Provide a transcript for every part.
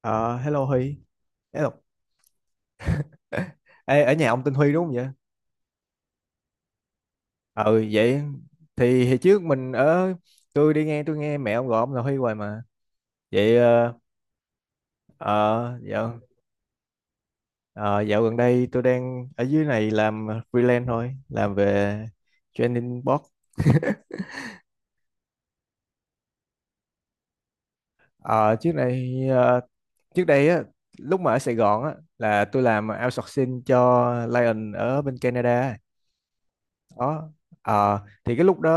Ờ, Hello Huy. Hello. Ê, ở nhà ông tên Huy đúng không vậy? Ừ, vậy thì hồi trước mình ở, tôi nghe mẹ ông gọi ông là Huy hoài mà. Vậy ờ, dạo ờ, dạo gần đây tôi đang ở dưới này làm freelance thôi, làm về training board. Ờ, Trước này trước đây á, lúc mà ở Sài Gòn á, là tôi làm outsourcing cho Lion ở bên Canada. Đó. Ờ, thì cái lúc đó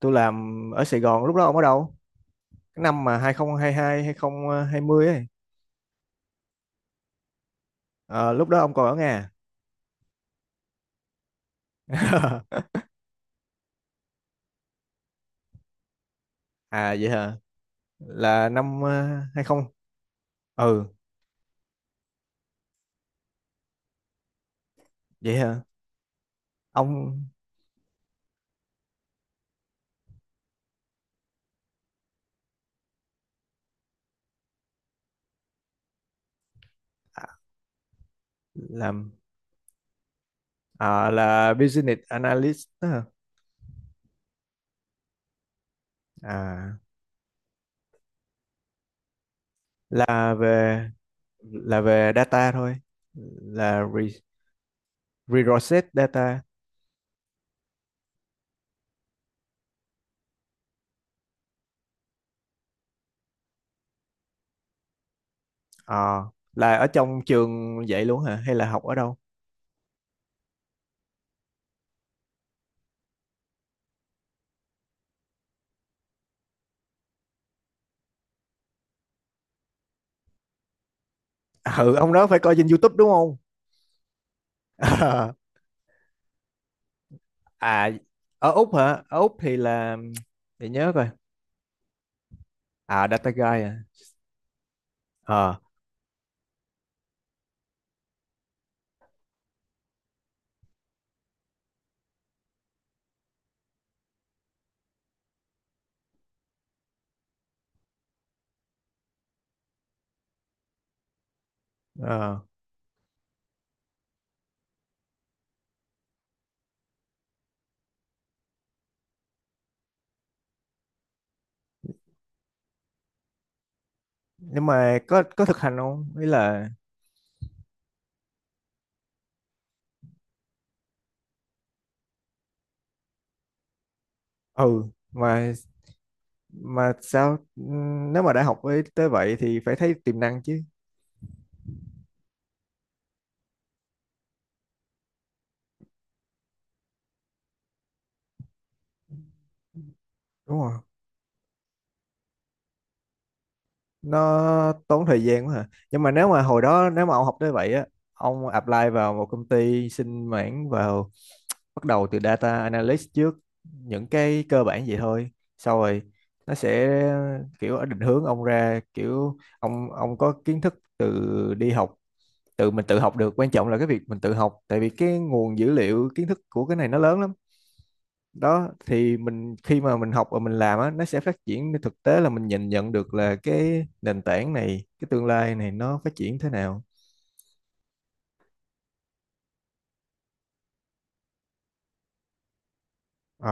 tôi làm ở Sài Gòn, lúc đó ông ở đâu? Cái năm mà hai không hai hai, hai không ấy. Ờ, lúc đó ông còn ở Nga. À vậy hả, là năm hai không. Ừ vậy hả. Ông. À, làm. À, là business analyst đó hả? À, là về, là về data thôi. Là reset data. Ờ, là ở trong trường vậy luôn hả hay là học ở đâu? Ừ, ông đó phải coi trên YouTube đúng không? À, ở Úc hả, ở Úc thì là để nhớ coi. À, Data Guy à. Ờ. Ờ. Nhưng mà có thực hành không, ý là. Ừ. mà mà sao nếu mà đã học với tới vậy thì phải thấy tiềm năng chứ. Đúng không? Nó tốn thời gian quá hả, nhưng mà nếu mà hồi đó nếu mà ông học tới vậy á, ông apply vào một công ty xin mảng vào, bắt đầu từ data analyst trước, những cái cơ bản vậy thôi, sau rồi nó sẽ kiểu định hướng ông ra, kiểu ông có kiến thức từ đi học, tự mình tự học được. Quan trọng là cái việc mình tự học, tại vì cái nguồn dữ liệu kiến thức của cái này nó lớn lắm đó. Thì mình khi mà mình học và mình làm á, nó sẽ phát triển thực tế là mình nhìn nhận được là cái nền tảng này, cái tương lai này nó phát triển thế nào. Ờ.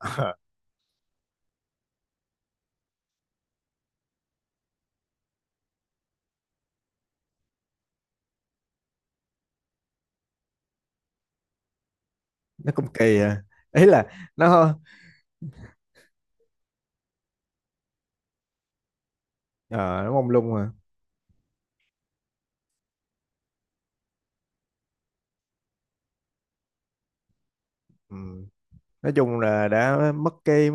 Nó cũng kỳ à, ý là nó, ờ, nó mông lung à. Ừ. Nói chung là đã mất cái,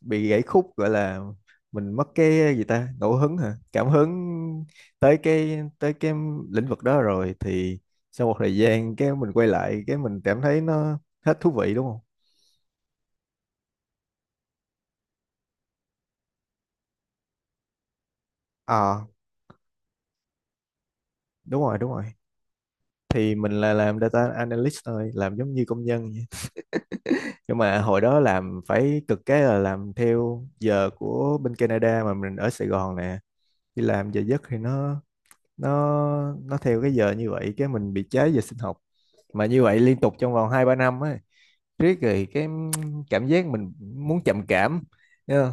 bị gãy khúc gọi là, mình mất cái gì ta, ngẫu hứng hả, cảm hứng tới cái, tới cái lĩnh vực đó rồi thì sau một thời gian cái mình quay lại cái mình cảm thấy nó hết thú vị đúng không? Ờ, đúng rồi đúng rồi, thì mình là làm data analyst thôi, làm giống như công nhân vậy. Nhưng mà hồi đó làm phải cực, cái là làm theo giờ của bên Canada mà mình ở Sài Gòn nè, đi làm giờ giấc thì nó, nó theo cái giờ như vậy, cái mình bị cháy về sinh học. Mà như vậy liên tục trong vòng hai ba năm ấy, riết rồi cái cảm giác mình muốn trầm cảm, nhớ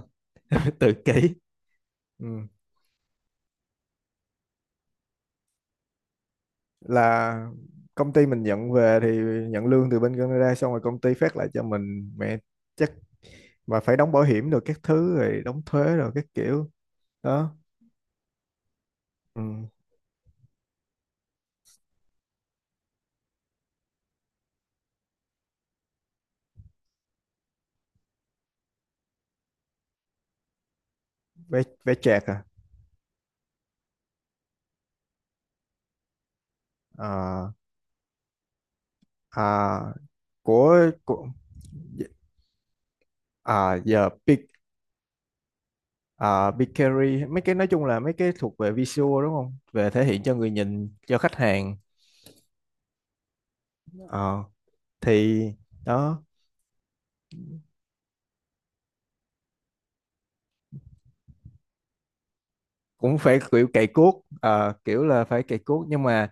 nhá, tự kỷ. Ừ. Là công ty mình nhận về thì nhận lương từ bên Canada, xong rồi công ty phát lại cho mình mẹ chắc. Mà phải đóng bảo hiểm rồi các thứ, rồi đóng thuế rồi các kiểu đó. Ừ. Vé vé chạc à, à, à, của à giờ peak. Ờ, Bakery mấy cái, nói chung là mấy cái thuộc về visual đúng không, về thể hiện cho người nhìn cho khách hàng. Ờ, thì đó, cũng phải kiểu cày cuốc. Ờ, kiểu là phải cày cuốc, nhưng mà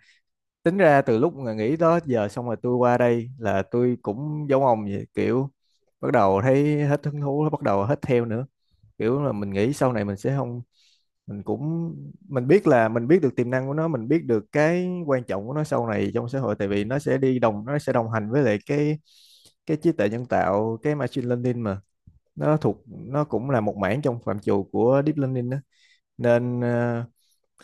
tính ra từ lúc mà nghỉ đó giờ, xong rồi tôi qua đây là tôi cũng giống ông vậy, kiểu bắt đầu thấy hết hứng thú, bắt đầu hết theo nữa, kiểu là mình nghĩ sau này mình sẽ không, mình cũng, mình biết là mình biết được tiềm năng của nó, mình biết được cái quan trọng của nó sau này trong xã hội, tại vì nó sẽ đi đồng, nó sẽ đồng hành với lại cái trí tuệ nhân tạo, cái machine learning mà, nó thuộc, nó cũng là một mảng trong phạm trù của deep learning đó. Nên ờ,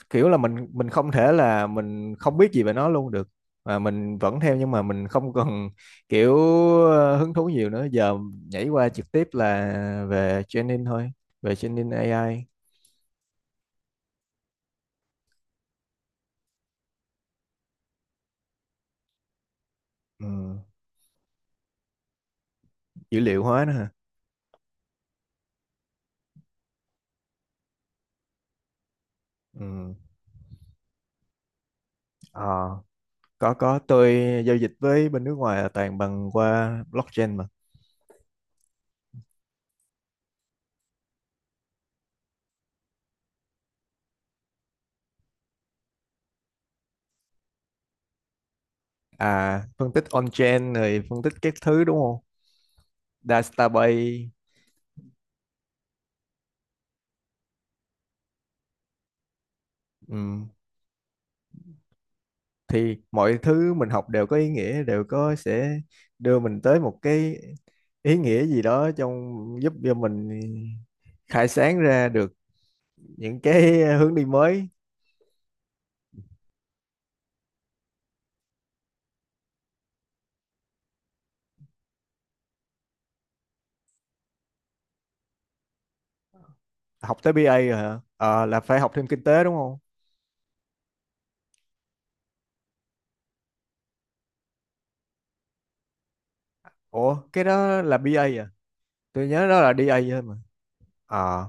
kiểu là mình không thể là mình không biết gì về nó luôn được, mà mình vẫn theo, nhưng mà mình không cần kiểu ờ, hứng thú nhiều nữa, giờ nhảy qua trực tiếp là về training thôi, về training AI. Ừ. Dữ liệu hóa nữa hả. Ừ. Ờ, có, tôi giao dịch với bên nước ngoài là toàn bằng qua blockchain mà. À, phân tích on-chain rồi phân tích các thứ đúng không, database. Ừ. Thì mọi thứ mình học đều có ý nghĩa, đều có sẽ đưa mình tới một cái ý nghĩa gì đó, trong giúp cho mình khai sáng ra được những cái hướng đi mới. Học tới BA rồi hả? Ờ, là phải học thêm kinh tế đúng không? Ủa cái đó là bê A à, tôi nhớ đó là đê A thôi mà. Ờ.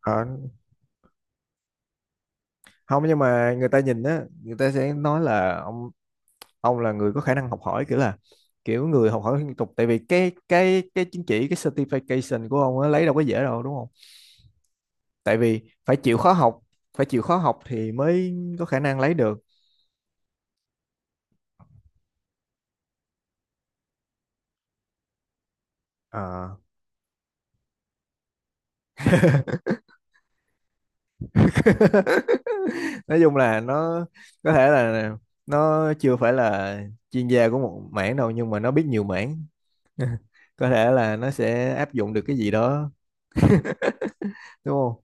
Ờ, không, nhưng mà người ta nhìn á, người ta sẽ nói là ông là người có khả năng học hỏi, kiểu là kiểu người học hỏi liên tục, tại vì cái chứng chỉ, cái certification của ông á, lấy đâu có dễ đâu đúng không, tại vì phải chịu khó học, phải chịu khó học thì mới có khả năng lấy được. Ờ. Nói chung là nó có thể là nó chưa phải là chuyên gia của một mảng đâu, nhưng mà nó biết nhiều mảng. Có thể là nó sẽ áp dụng được cái gì đó đúng không?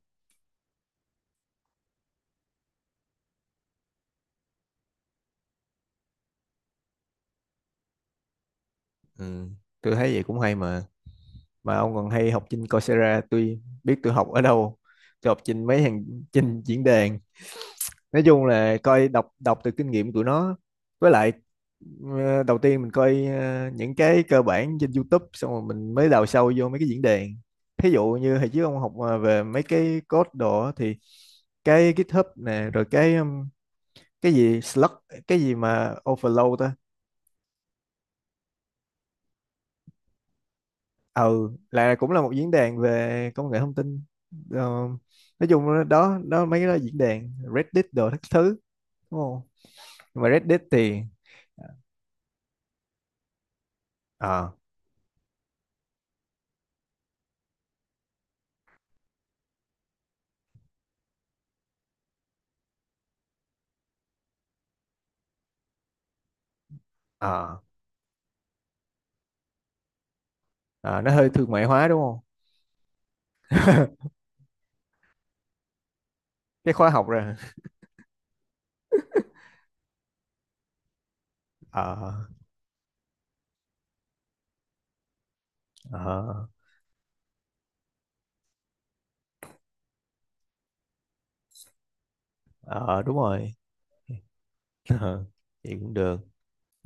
Ừ. Tôi thấy vậy cũng hay mà. Mà ông còn hay học trên Coursera, tôi biết tôi học ở đâu, tôi học trên mấy hàng, trên diễn đàn, nói chung là coi, đọc đọc từ kinh nghiệm của nó. Với lại ờ, đầu tiên mình coi ờ, những cái cơ bản trên YouTube, xong rồi mình mới đào sâu vô mấy cái diễn đàn. Thí dụ như hồi trước ông học về mấy cái code đồ á thì cái GitHub nè, rồi cái gì Slack, cái gì mà Overload ta. Ừ, là cũng là một diễn đàn về công nghệ thông tin. Ờ, nói chung là đó đó, mấy cái đó diễn đàn Reddit đồ các thứ đúng không. Nhưng mà Reddit thì ờ. Ờ. Ờ, nó hơi thương mại hóa đúng không? Cái khóa học rồi. Ờ, ờ, ờ, đúng rồi. Ờ, vậy cũng được.